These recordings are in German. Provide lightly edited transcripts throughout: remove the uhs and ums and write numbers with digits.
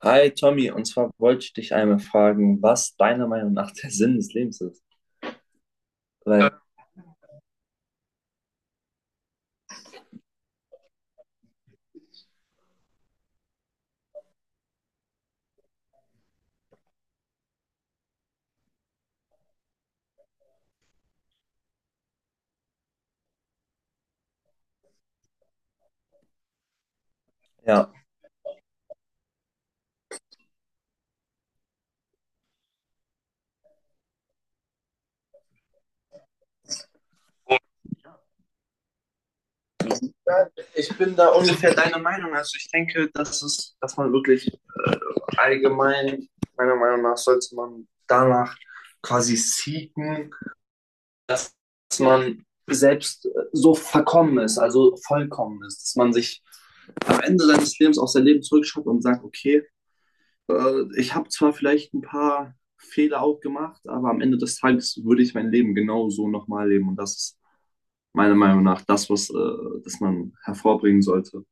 Hi Tommy, und zwar wollte ich dich einmal fragen, was deiner Meinung nach der Sinn des Lebens ist. Weil, ja, ja, ich bin da ungefähr deiner Meinung. Also ich denke, dass man wirklich äh, allgemein, meiner Meinung nach, sollte man danach quasi seeken, dass man selbst so verkommen ist, also vollkommen ist, dass man sich am Ende seines Lebens aufs Leben zurückschaut und sagt, okay, ich habe zwar vielleicht ein paar Fehler auch gemacht, aber am Ende des Tages würde ich mein Leben genau so nochmal leben. Und das ist meiner Meinung nach das, was das man hervorbringen sollte.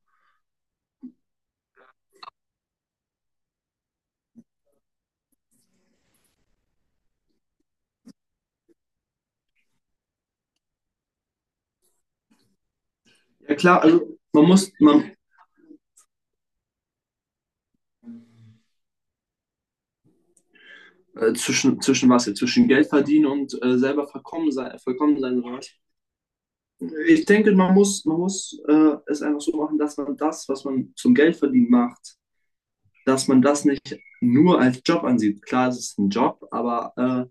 Ja klar, also zwischen was jetzt? Zwischen Geld verdienen und selber verkommen sein, vollkommen sein oder was? Ich denke, man muss es einfach so machen, dass man das, was man zum Geld verdienen macht, dass man das nicht nur als Job ansieht. Klar, es ist ein Job, aber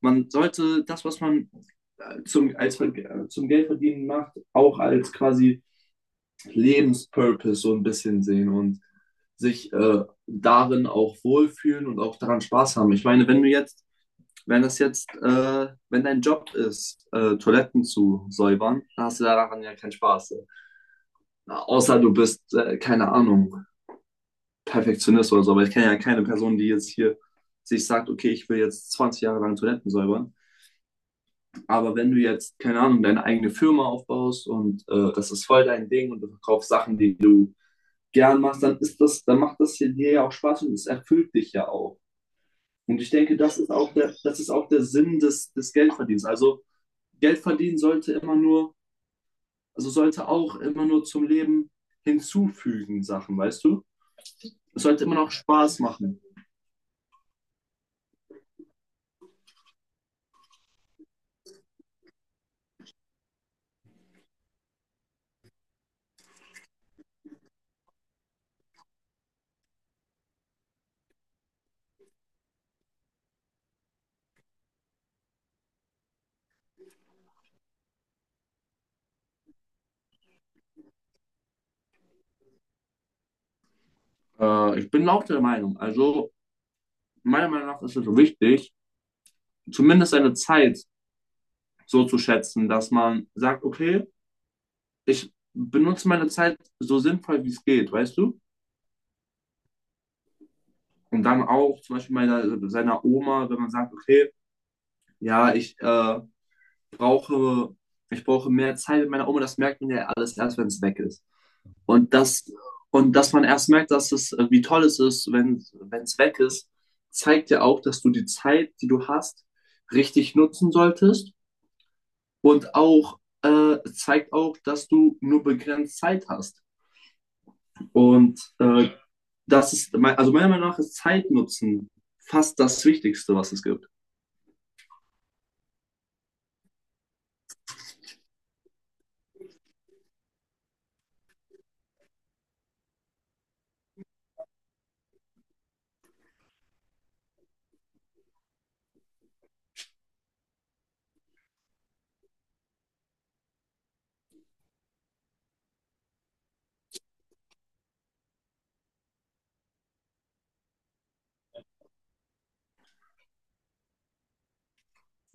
man sollte das, was man zum Geldverdienen macht, auch als quasi Lebenspurpose so ein bisschen sehen und sich darin auch wohlfühlen und auch daran Spaß haben. Ich meine, wenn du jetzt, wenn das jetzt, wenn dein Job ist, Toiletten zu säubern, dann hast du daran ja keinen Spaß. Ne? Na, außer du bist, keine Ahnung, Perfektionist oder so, aber ich kenne ja keine Person, die jetzt hier sich sagt, okay, ich will jetzt 20 Jahre lang Toiletten säubern. Aber wenn du jetzt, keine Ahnung, deine eigene Firma aufbaust und das ist voll dein Ding und du verkaufst Sachen, die du gern machst, dann ist das, dann macht das hier dir ja auch Spaß und es erfüllt dich ja auch. Und ich denke, das ist auch der Sinn des Geldverdienens. Also Geld verdienen sollte immer nur, also sollte auch immer nur zum Leben hinzufügen, Sachen, weißt du? Es sollte immer noch Spaß machen. Ich bin auch der Meinung, also meiner Meinung nach ist es so wichtig, zumindest seine Zeit so zu schätzen, dass man sagt, okay, ich benutze meine Zeit so sinnvoll, wie es geht, weißt du? Und dann auch zum Beispiel meiner, seiner Oma, wenn man sagt, okay, ja, ich brauche, ich brauche mehr Zeit mit meiner Oma, das merkt man ja alles erst, wenn es weg ist. Und das, und dass man erst merkt, wie toll es ist, wenn es weg ist, zeigt ja auch, dass du die Zeit, die du hast, richtig nutzen solltest. Und auch zeigt auch, dass du nur begrenzt Zeit hast. Und das ist, also meiner Meinung nach ist Zeitnutzen fast das Wichtigste, was es gibt.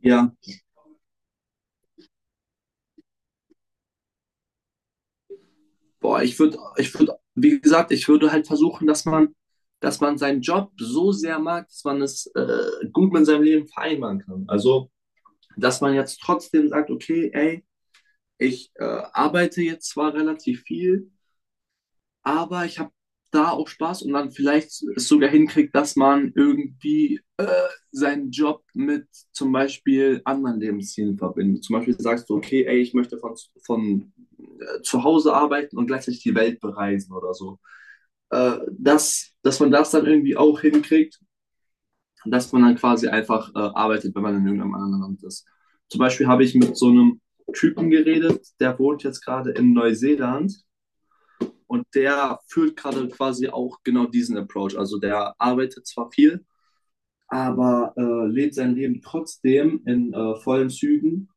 Ja, boah, wie gesagt, ich würde halt versuchen, dass man seinen Job so sehr mag, dass man es gut mit seinem Leben vereinbaren kann. Also, dass man jetzt trotzdem sagt, okay, ey, ich arbeite jetzt zwar relativ viel, aber ich habe da auch Spaß und dann vielleicht es sogar hinkriegt, dass man irgendwie seinen Job mit zum Beispiel anderen Lebenszielen verbindet. Zum Beispiel sagst du, okay, ey, ich möchte von zu Hause arbeiten und gleichzeitig die Welt bereisen oder so. Dass man das dann irgendwie auch hinkriegt, dass man dann quasi einfach arbeitet, wenn man in irgendeinem anderen Land ist. Zum Beispiel habe ich mit so einem Typen geredet, der wohnt jetzt gerade in Neuseeland und der führt gerade quasi auch genau diesen Approach. Also der arbeitet zwar viel, aber lebt sein Leben trotzdem in vollen Zügen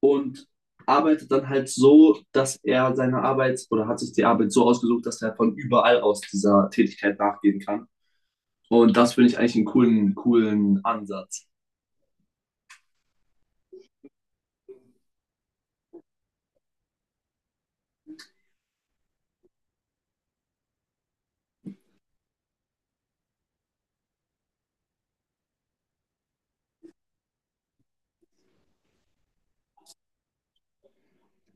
und arbeitet dann halt so, dass er seine Arbeit oder hat sich die Arbeit so ausgesucht, dass er von überall aus dieser Tätigkeit nachgehen kann. Und das finde ich eigentlich einen coolen, coolen Ansatz.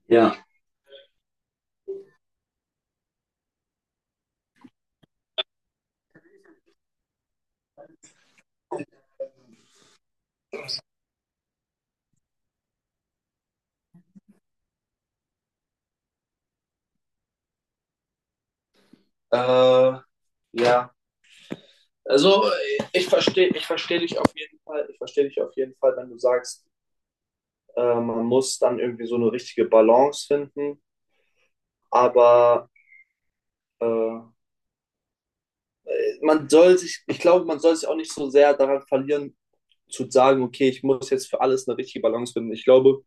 Ja. Äh, ja. Also ich verstehe dich auf jeden Fall. Ich verstehe dich auf jeden Fall, wenn du sagst, man muss dann irgendwie so eine richtige Balance finden. Aber äh, man soll sich, ich glaube, man soll sich auch nicht so sehr daran verlieren, zu sagen, okay, ich muss jetzt für alles eine richtige Balance finden. Ich glaube,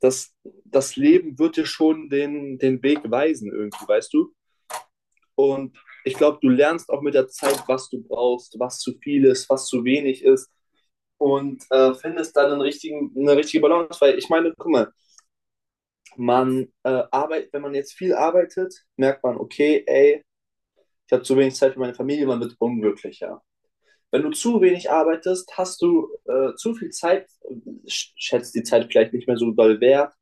das, das Leben wird dir schon den Weg weisen, irgendwie, weißt du? Und ich glaube, du lernst auch mit der Zeit, was du brauchst, was zu viel ist, was zu wenig ist und findest dann einen richtigen, eine richtige Balance. Weil ich meine, guck mal, man arbeitet, wenn man jetzt viel arbeitet, merkt man, okay, ey, ich habe zu wenig Zeit für meine Familie, man wird unglücklicher. Wenn du zu wenig arbeitest, hast du zu viel Zeit, schätzt die Zeit vielleicht nicht mehr so doll wert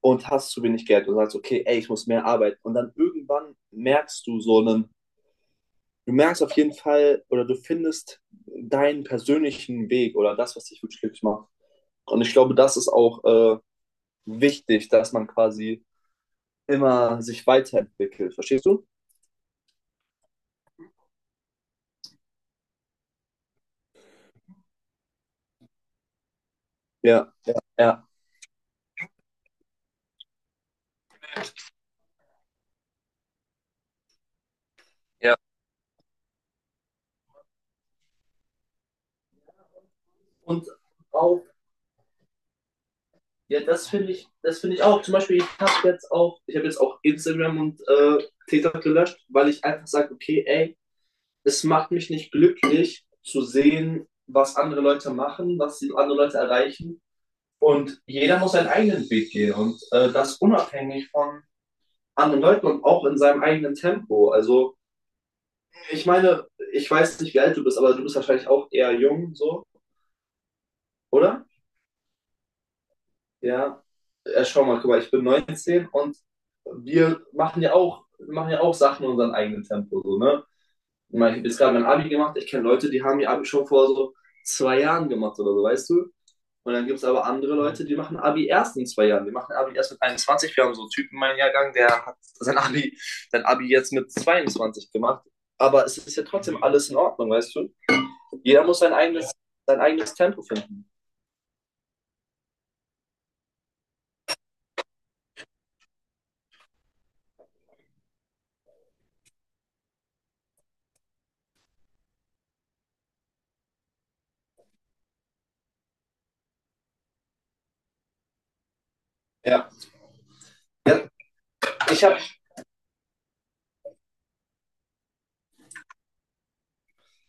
und hast zu wenig Geld und sagst, okay, ey, ich muss mehr arbeiten. Und dann irgendwann merkst du so einen, du merkst auf jeden Fall oder du findest deinen persönlichen Weg oder das, was dich wirklich glücklich macht. Und ich glaube, das ist auch wichtig, dass man quasi immer sich weiterentwickelt. Verstehst du? Ja, ja. Und auch, ja, das finde ich auch. Zum Beispiel, ich habe jetzt auch Instagram und TikTok gelöscht, weil ich einfach sage, okay, ey, es macht mich nicht glücklich zu sehen, was andere Leute machen, was die andere Leute erreichen. Und jeder muss seinen eigenen Weg gehen und das unabhängig von anderen Leuten und auch in seinem eigenen Tempo. Also, ich meine, ich weiß nicht, wie alt du bist, aber du bist wahrscheinlich auch eher jung, so, oder? Ja, ja, schau mal, guck mal, ich bin 19 und wir machen ja auch Sachen in unserem eigenen Tempo, so, ne? Ich meine, ich habe jetzt gerade mein Abi gemacht, ich kenne Leute, die haben ihr Abi schon vor so 2 Jahren gemacht oder so, weißt du? Und dann gibt es aber andere Leute, die machen Abi erst in 2 Jahren. Die machen Abi erst mit 21. Wir haben so einen Typen in meinem Jahrgang, der hat sein Abi jetzt mit 22 gemacht. Aber es ist ja trotzdem alles in Ordnung, weißt du? Jeder muss sein eigenes Tempo finden. Ja. Ja, ich habe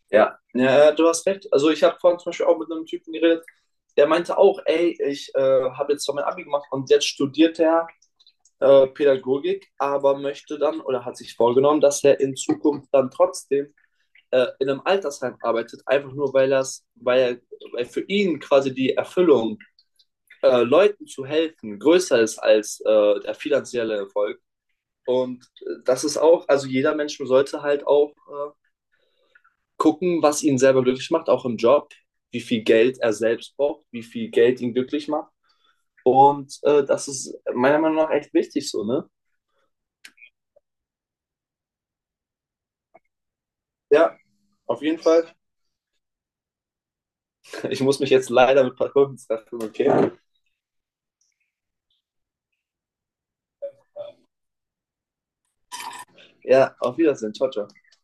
Ja, ja, ja, du hast recht. Also ich habe vorhin zum Beispiel auch mit einem Typen geredet, der meinte auch, ey, ich habe jetzt zwar mein Abi gemacht und jetzt studiert er Pädagogik, aber möchte dann oder hat sich vorgenommen, dass er in Zukunft dann trotzdem in einem Altersheim arbeitet, einfach nur weil das, weil er, weil für ihn quasi die Erfüllung, Leuten zu helfen, größer ist als der finanzielle Erfolg. Und das ist auch, also jeder Mensch sollte halt auch gucken, was ihn selber glücklich macht, auch im Job, wie viel Geld er selbst braucht, wie viel Geld ihn glücklich macht. Und das ist meiner Meinung nach echt wichtig so, ne? Ja, auf jeden Fall. Ich muss mich jetzt leider mit ein paar Kunden treffen, okay? Ja, auf Wiedersehen. Ciao, ciao.